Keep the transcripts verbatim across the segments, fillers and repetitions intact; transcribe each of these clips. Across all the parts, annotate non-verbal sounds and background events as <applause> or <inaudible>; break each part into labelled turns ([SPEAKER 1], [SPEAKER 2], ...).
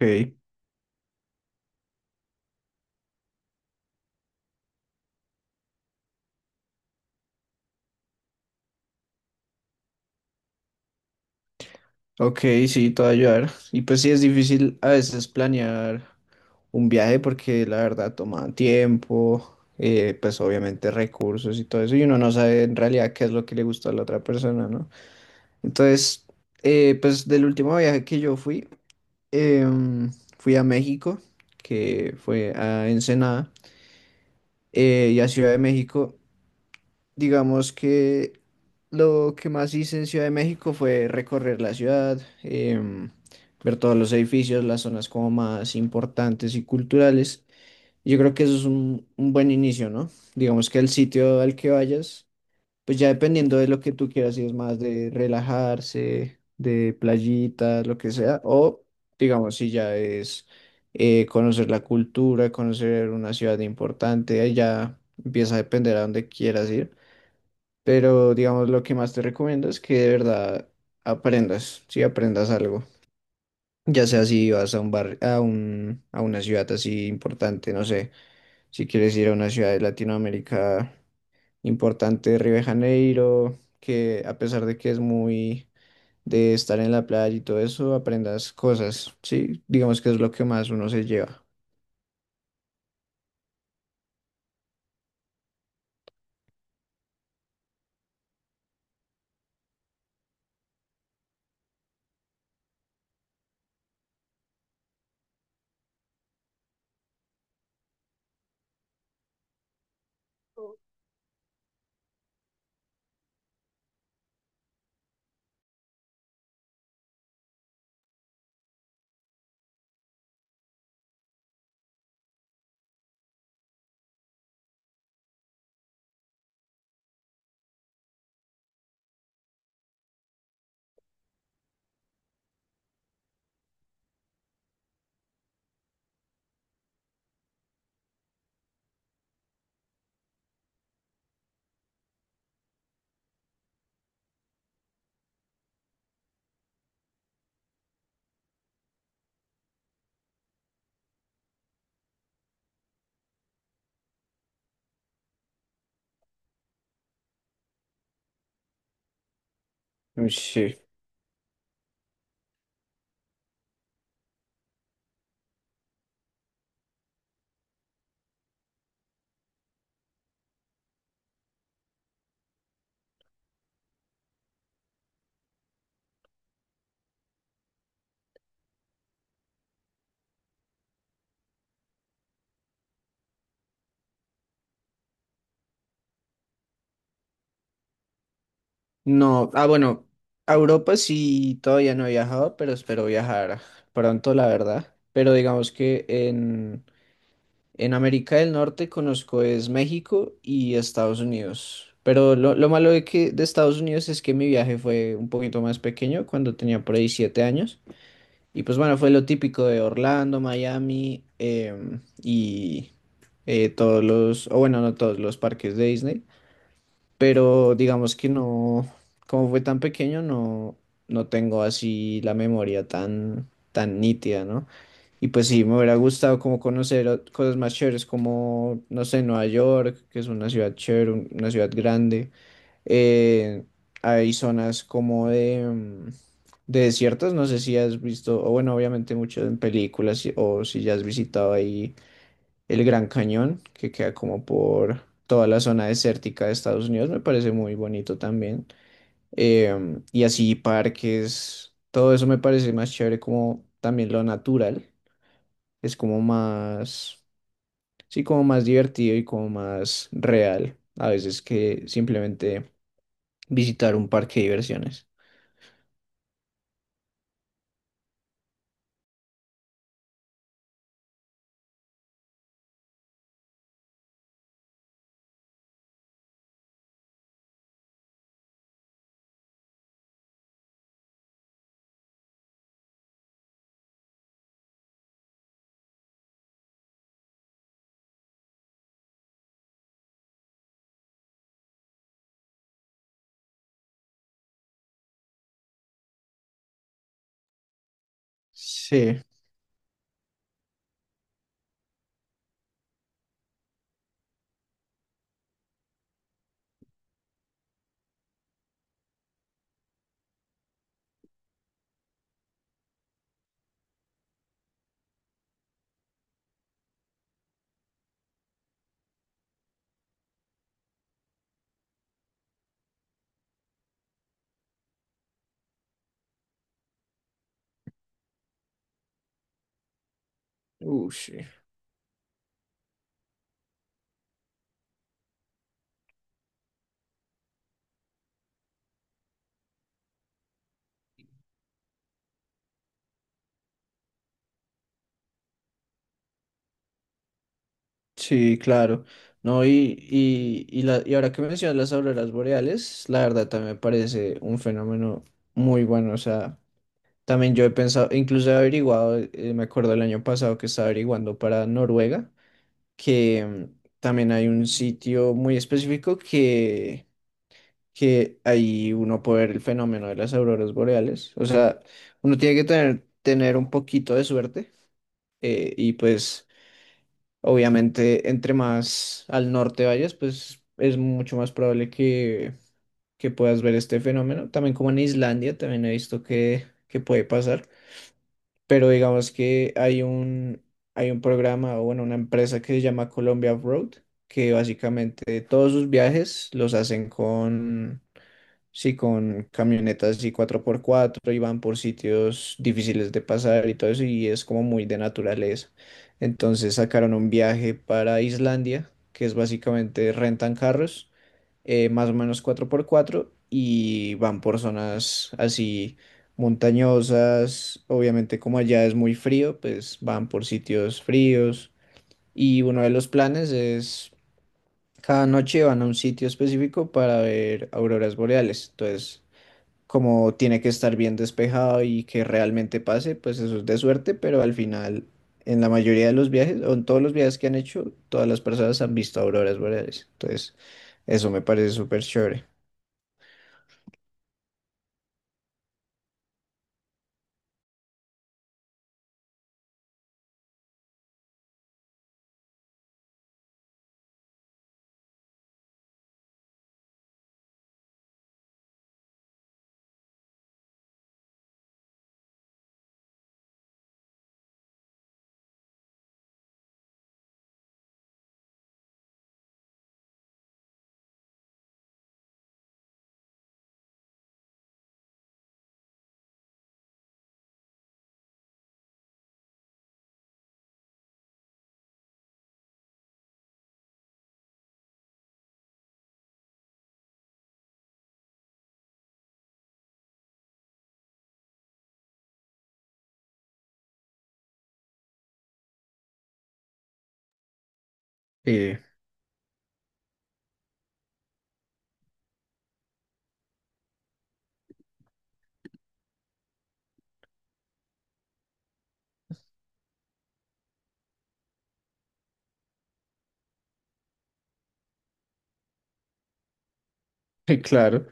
[SPEAKER 1] Ok, ok, sí, te va a ayudar. Y pues sí, es difícil a veces planear un viaje porque la verdad toma tiempo, eh, pues obviamente recursos y todo eso, y uno no sabe en realidad qué es lo que le gusta a la otra persona, ¿no? Entonces, eh, pues del último viaje que yo fui, em, fui a México, que fue a Ensenada, eh, y a Ciudad de México. Digamos que lo que más hice en Ciudad de México fue recorrer la ciudad, em, ver todos los edificios, las zonas como más importantes y culturales. Yo creo que eso es un, un buen inicio, ¿no? Digamos que el sitio al que vayas, pues ya dependiendo de lo que tú quieras, si es más de relajarse, de playita, lo que sea, o digamos si ya es eh, conocer la cultura, conocer una ciudad importante, ahí ya empieza a depender a dónde quieras ir. Pero digamos, lo que más te recomiendo es que de verdad aprendas, si aprendas algo. Ya sea si vas a un bar, a un, a una ciudad así importante, no sé, si quieres ir a una ciudad de Latinoamérica importante, Río de Janeiro, que a pesar de que es muy de estar en la playa y todo eso, aprendas cosas, sí, digamos que es lo que más uno se lleva. Uy, sí. No, ah, bueno, a Europa sí todavía no he viajado, pero espero viajar pronto, la verdad. Pero digamos que en, en América del Norte conozco es México y Estados Unidos. Pero lo, lo malo de que de Estados Unidos es que mi viaje fue un poquito más pequeño, cuando tenía por ahí siete años. Y pues bueno, fue lo típico de Orlando, Miami, em, y eh, todos los, o bueno, no todos los parques de Disney, pero digamos que no, como fue tan pequeño, no, no tengo así la memoria tan, tan nítida, ¿no? Y pues sí, me hubiera gustado como conocer o- cosas más chéveres, como, no sé, Nueva York, que es una ciudad chévere, un- una ciudad grande. Eh, hay zonas como de, mm, de desiertos, no sé si has visto, o bueno, obviamente mucho en películas, si- o si ya has visitado ahí el Gran Cañón, que queda como por toda la zona desértica de Estados Unidos, me parece muy bonito también. Em, y así parques, todo eso me parece más chévere como también lo natural, es como más, sí, como más divertido y como más real a veces que simplemente visitar un parque de diversiones. Sí, ush. Sí, claro. No, y, y, y, la, y ahora que mencionas las auroras boreales, la verdad también me parece un fenómeno muy bueno. O sea, también yo he pensado, incluso he averiguado, eh, me acuerdo el año pasado que estaba averiguando para Noruega, que mm, también hay un sitio muy específico que, que ahí uno puede ver el fenómeno de las auroras boreales. O sea, uno tiene que tener, tener un poquito de suerte eh, y pues. Obviamente, entre más al norte vayas, pues es mucho más probable que, que puedas ver este fenómeno. También como en Islandia, también he visto que, que puede pasar. Pero digamos que hay un, hay un programa o bueno, una empresa que se llama Colombia Road, que básicamente todos sus viajes los hacen con sí, con camionetas y cuatro por cuatro y van por sitios difíciles de pasar y todo eso y es como muy de naturaleza. Entonces sacaron un viaje para Islandia, que es básicamente rentan carros, eh, más o menos cuatro por cuatro y van por zonas así montañosas. Obviamente como allá es muy frío, pues van por sitios fríos y uno de los planes es cada noche van a un sitio específico para ver auroras boreales. Entonces como tiene que estar bien despejado y que realmente pase, pues eso es de suerte, pero al final, en la mayoría de los viajes, o en todos los viajes que han hecho, todas las personas han visto auroras boreales. Entonces, eso me parece súper chévere. Y, y <laughs> claro,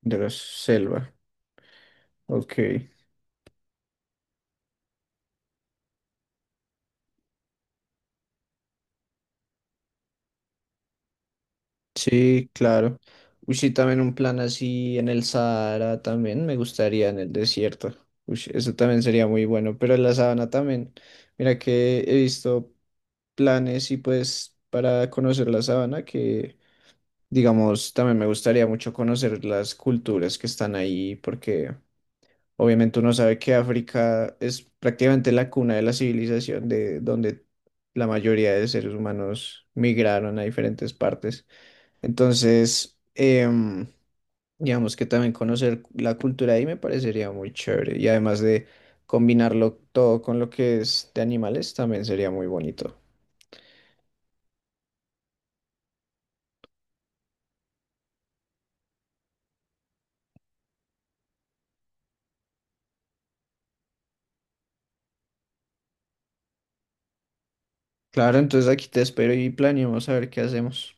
[SPEAKER 1] de la selva. Ok. Sí, claro. Uy, sí, también un plan así en el Sahara también me gustaría en el desierto. Uy, eso también sería muy bueno, pero en la sabana también. Mira que he visto planes y pues para conocer la sabana, que digamos, también me gustaría mucho conocer las culturas que están ahí, porque obviamente uno sabe que África es prácticamente la cuna de la civilización, de donde la mayoría de seres humanos migraron a diferentes partes. Entonces, em, digamos que también conocer la cultura ahí me parecería muy chévere y además de... Combinarlo todo con lo que es de animales también sería muy bonito. Claro, entonces aquí te espero y planeamos a ver qué hacemos.